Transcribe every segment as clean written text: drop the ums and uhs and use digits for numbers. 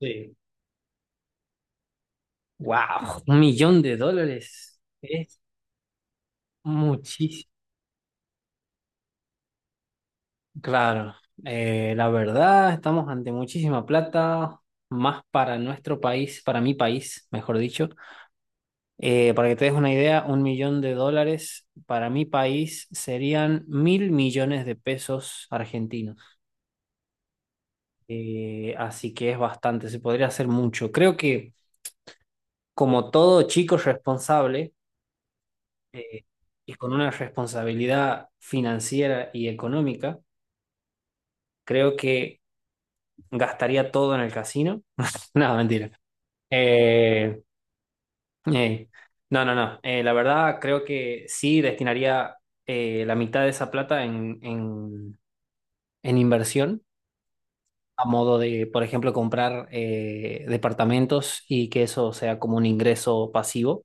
Sí. Wow, un millón de dólares es muchísimo. Claro, la verdad, estamos ante muchísima plata, más para nuestro país, para mi país, mejor dicho. Para que te des una idea, un millón de dólares para mi país serían mil millones de pesos argentinos. Así que es bastante, se podría hacer mucho. Creo que como todo chico responsable, eh, y con una responsabilidad financiera y económica, creo que gastaría todo en el casino. No, mentira. Eh, eh, no, no, no. La verdad, creo que sí destinaría, la mitad de esa plata en inversión, a modo de, por ejemplo, comprar, departamentos, y que eso sea como un ingreso pasivo.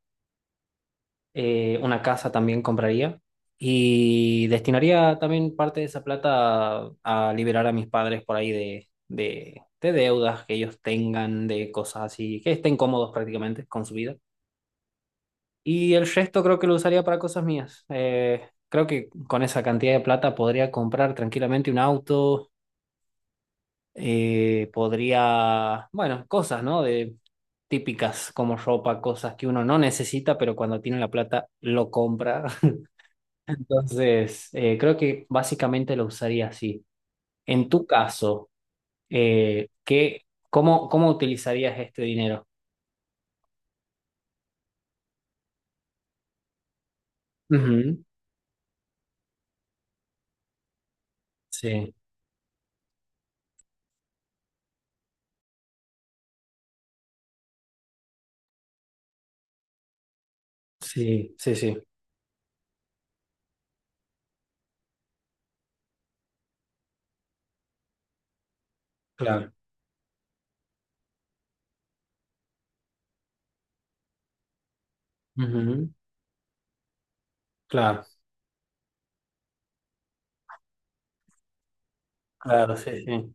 Una casa también compraría, y destinaría también parte de esa plata a liberar a mis padres, por ahí, de deudas que ellos tengan, de cosas así, que estén cómodos prácticamente con su vida. Y el resto creo que lo usaría para cosas mías. Creo que con esa cantidad de plata podría comprar tranquilamente un auto. Podría, bueno, cosas, ¿no? Típicas como ropa, cosas que uno no necesita, pero cuando tiene la plata lo compra. Entonces, creo que básicamente lo usaría así. En tu caso, ¿cómo utilizarías este dinero? Ujú. Sí, sí, sí, sí, claro. Ujú. Claro, claro, sí, sí,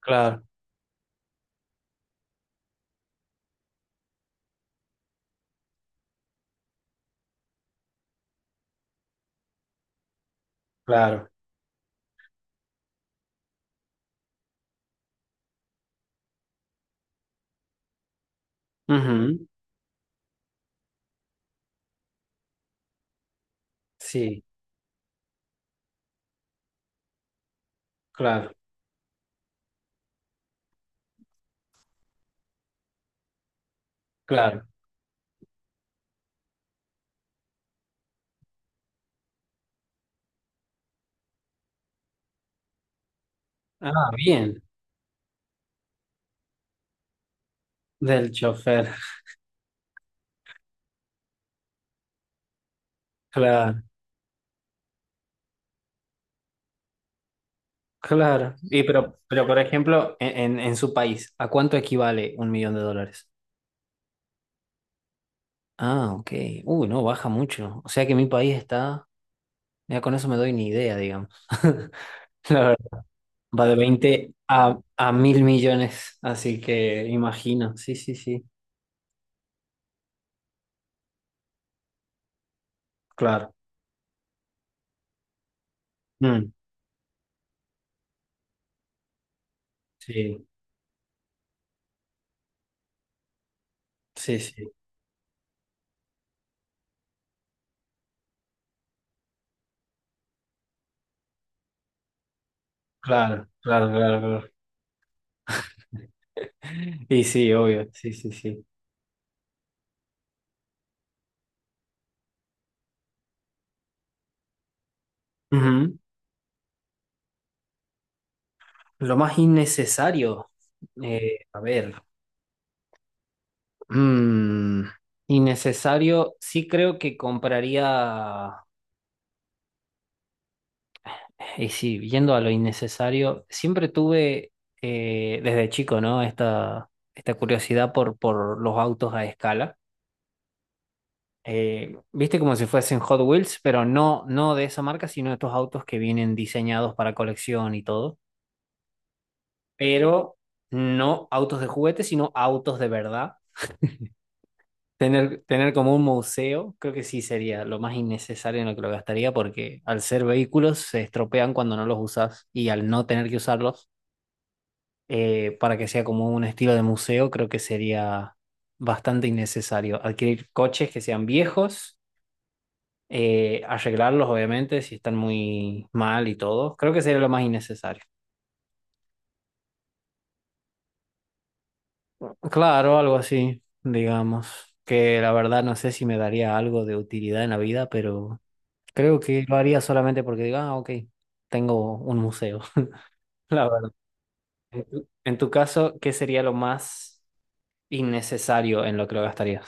claro, claro. Ujú. Sí, claro, claro. Ah, bien, del chofer, claro, claro. Y pero por ejemplo, en su país, ¿a cuánto equivale un millón de dólares? Ah, ok. Uy, no, baja mucho. O sea que mi país está, ya con eso me doy ni idea, digamos. La verdad, va de 20 a mil millones, así que imagino. Sí, sí, sí, claro. Mm, sí, sí, sí, claro, claro, claro, claro. Y sí, obvio, sí, sí, sí. Ujú. Lo más innecesario, a ver, mm, innecesario, sí creo que compraría. Y sí, yendo a lo innecesario, siempre tuve, desde chico, ¿no? Esta curiosidad por los autos a escala. Viste, como si fuesen Hot Wheels, pero no, no de esa marca, sino estos autos que vienen diseñados para colección y todo. Pero no autos de juguete, sino autos de verdad. Tener como un museo, creo que sí sería lo más innecesario en lo que lo gastaría, porque al ser vehículos se estropean cuando no los usas, y al no tener que usarlos, para que sea como un estilo de museo, creo que sería bastante innecesario. Adquirir coches que sean viejos, arreglarlos obviamente si están muy mal y todo, creo que sería lo más innecesario. Claro, algo así, digamos, que la verdad no sé si me daría algo de utilidad en la vida, pero creo que lo haría solamente porque digo, ah, ok, tengo un museo, la verdad. En tu caso, ¿qué sería lo más innecesario en lo que lo gastarías?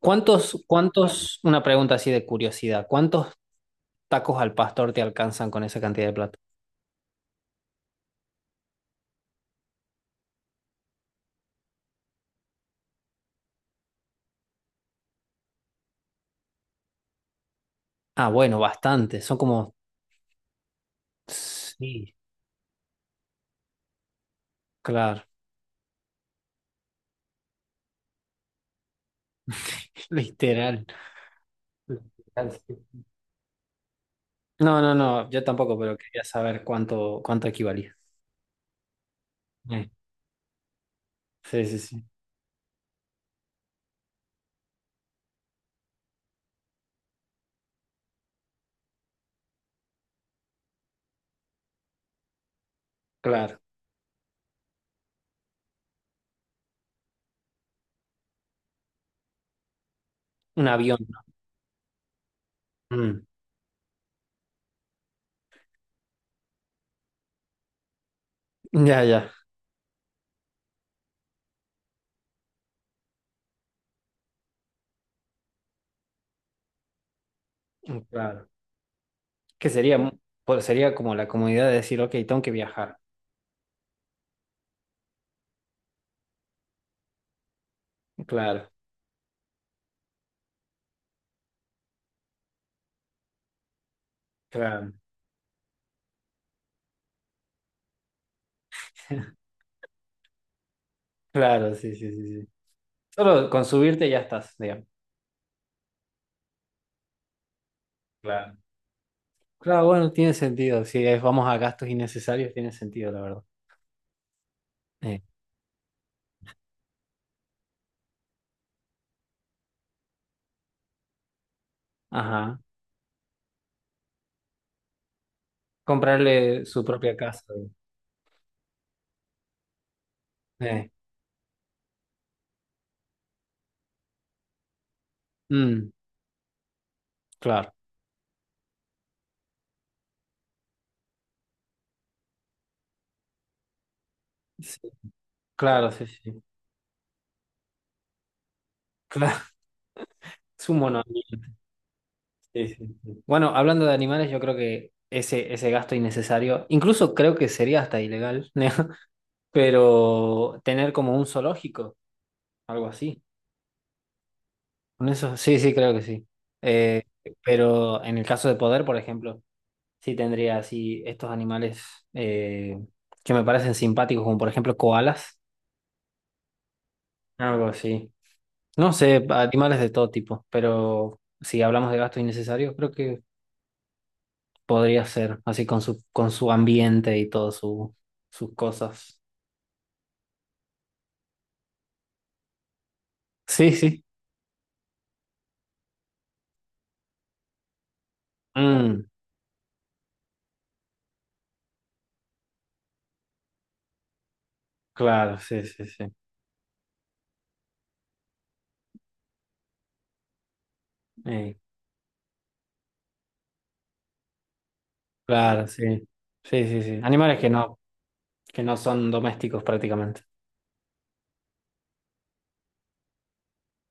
Una pregunta así de curiosidad, ¿cuántos tacos al pastor te alcanzan con esa cantidad de plata? Ah, bueno, bastante, son como, sí, claro, literal. Literal, sí. No, no, no, yo tampoco, pero quería saber cuánto, cuánto equivalía. Eh, Sí, sí, sí, claro, un avión. ¿No? Mm, ya, ya, mm, claro. Que sería, pues sería como la comodidad de decir, ok, tengo que viajar. Claro, claro, claro, sí, sí, sí, sí. Solo con subirte ya estás, digamos. Claro. Claro, bueno, tiene sentido. Si es- Vamos, a gastos innecesarios, tiene sentido, la verdad. Eh, ajá. Comprarle su propia casa. Eh, mm, claro. Sí, claro, sí, sí. Claro, es un mono. Sí, sí, sí. Bueno, hablando de animales, yo creo que ese gasto innecesario, incluso creo que sería hasta ilegal, ¿no? Pero tener como un zoológico, algo así. Con eso, sí, sí, creo que sí. Eh, pero en el caso de poder, por ejemplo. Sí, tendría así estos animales, eh, que me parecen simpáticos, como por ejemplo koalas, algo así. No sé, animales de todo tipo, pero si hablamos de gastos innecesarios, creo que podría ser así con su ambiente y todas sus cosas. Sí, sí. Mm, claro, sí, sí, sí. Eh, claro, sí. Sí, sí, sí. Animales que no son domésticos prácticamente.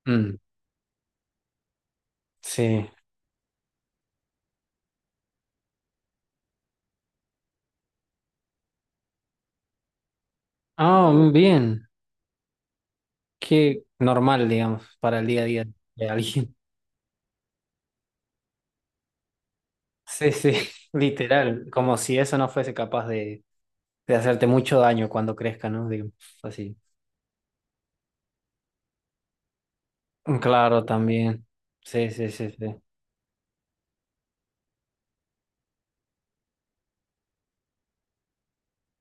Mm, sí. Ah, bien. Qué normal, digamos, para el día a día de alguien. Sí, sí, literal, como si eso no fuese capaz de hacerte mucho daño cuando crezca, ¿no? Digamos, así. Claro, también. Sí, sí, sí, sí.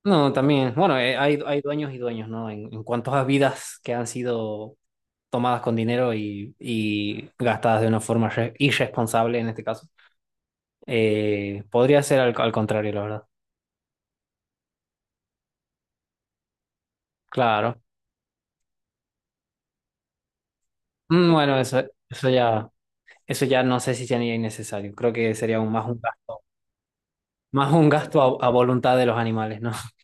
No, también, bueno, hay dueños y dueños, ¿no? En cuanto a vidas que han sido tomadas con dinero, y gastadas de una forma irresponsable en este caso. Podría ser al contrario, la verdad. Claro. Mm, bueno, eso ya. Eso ya no sé si sería innecesario. Creo que sería, más un gasto a voluntad de los animales, ¿no?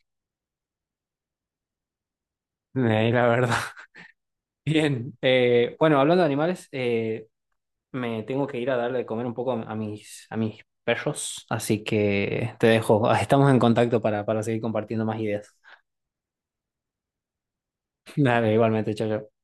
La verdad. Bien. Bueno, hablando de animales, me tengo que ir a darle de comer un poco a mis perros. Así que te dejo. Estamos en contacto para seguir compartiendo más ideas. Dale, igualmente, chao, chao.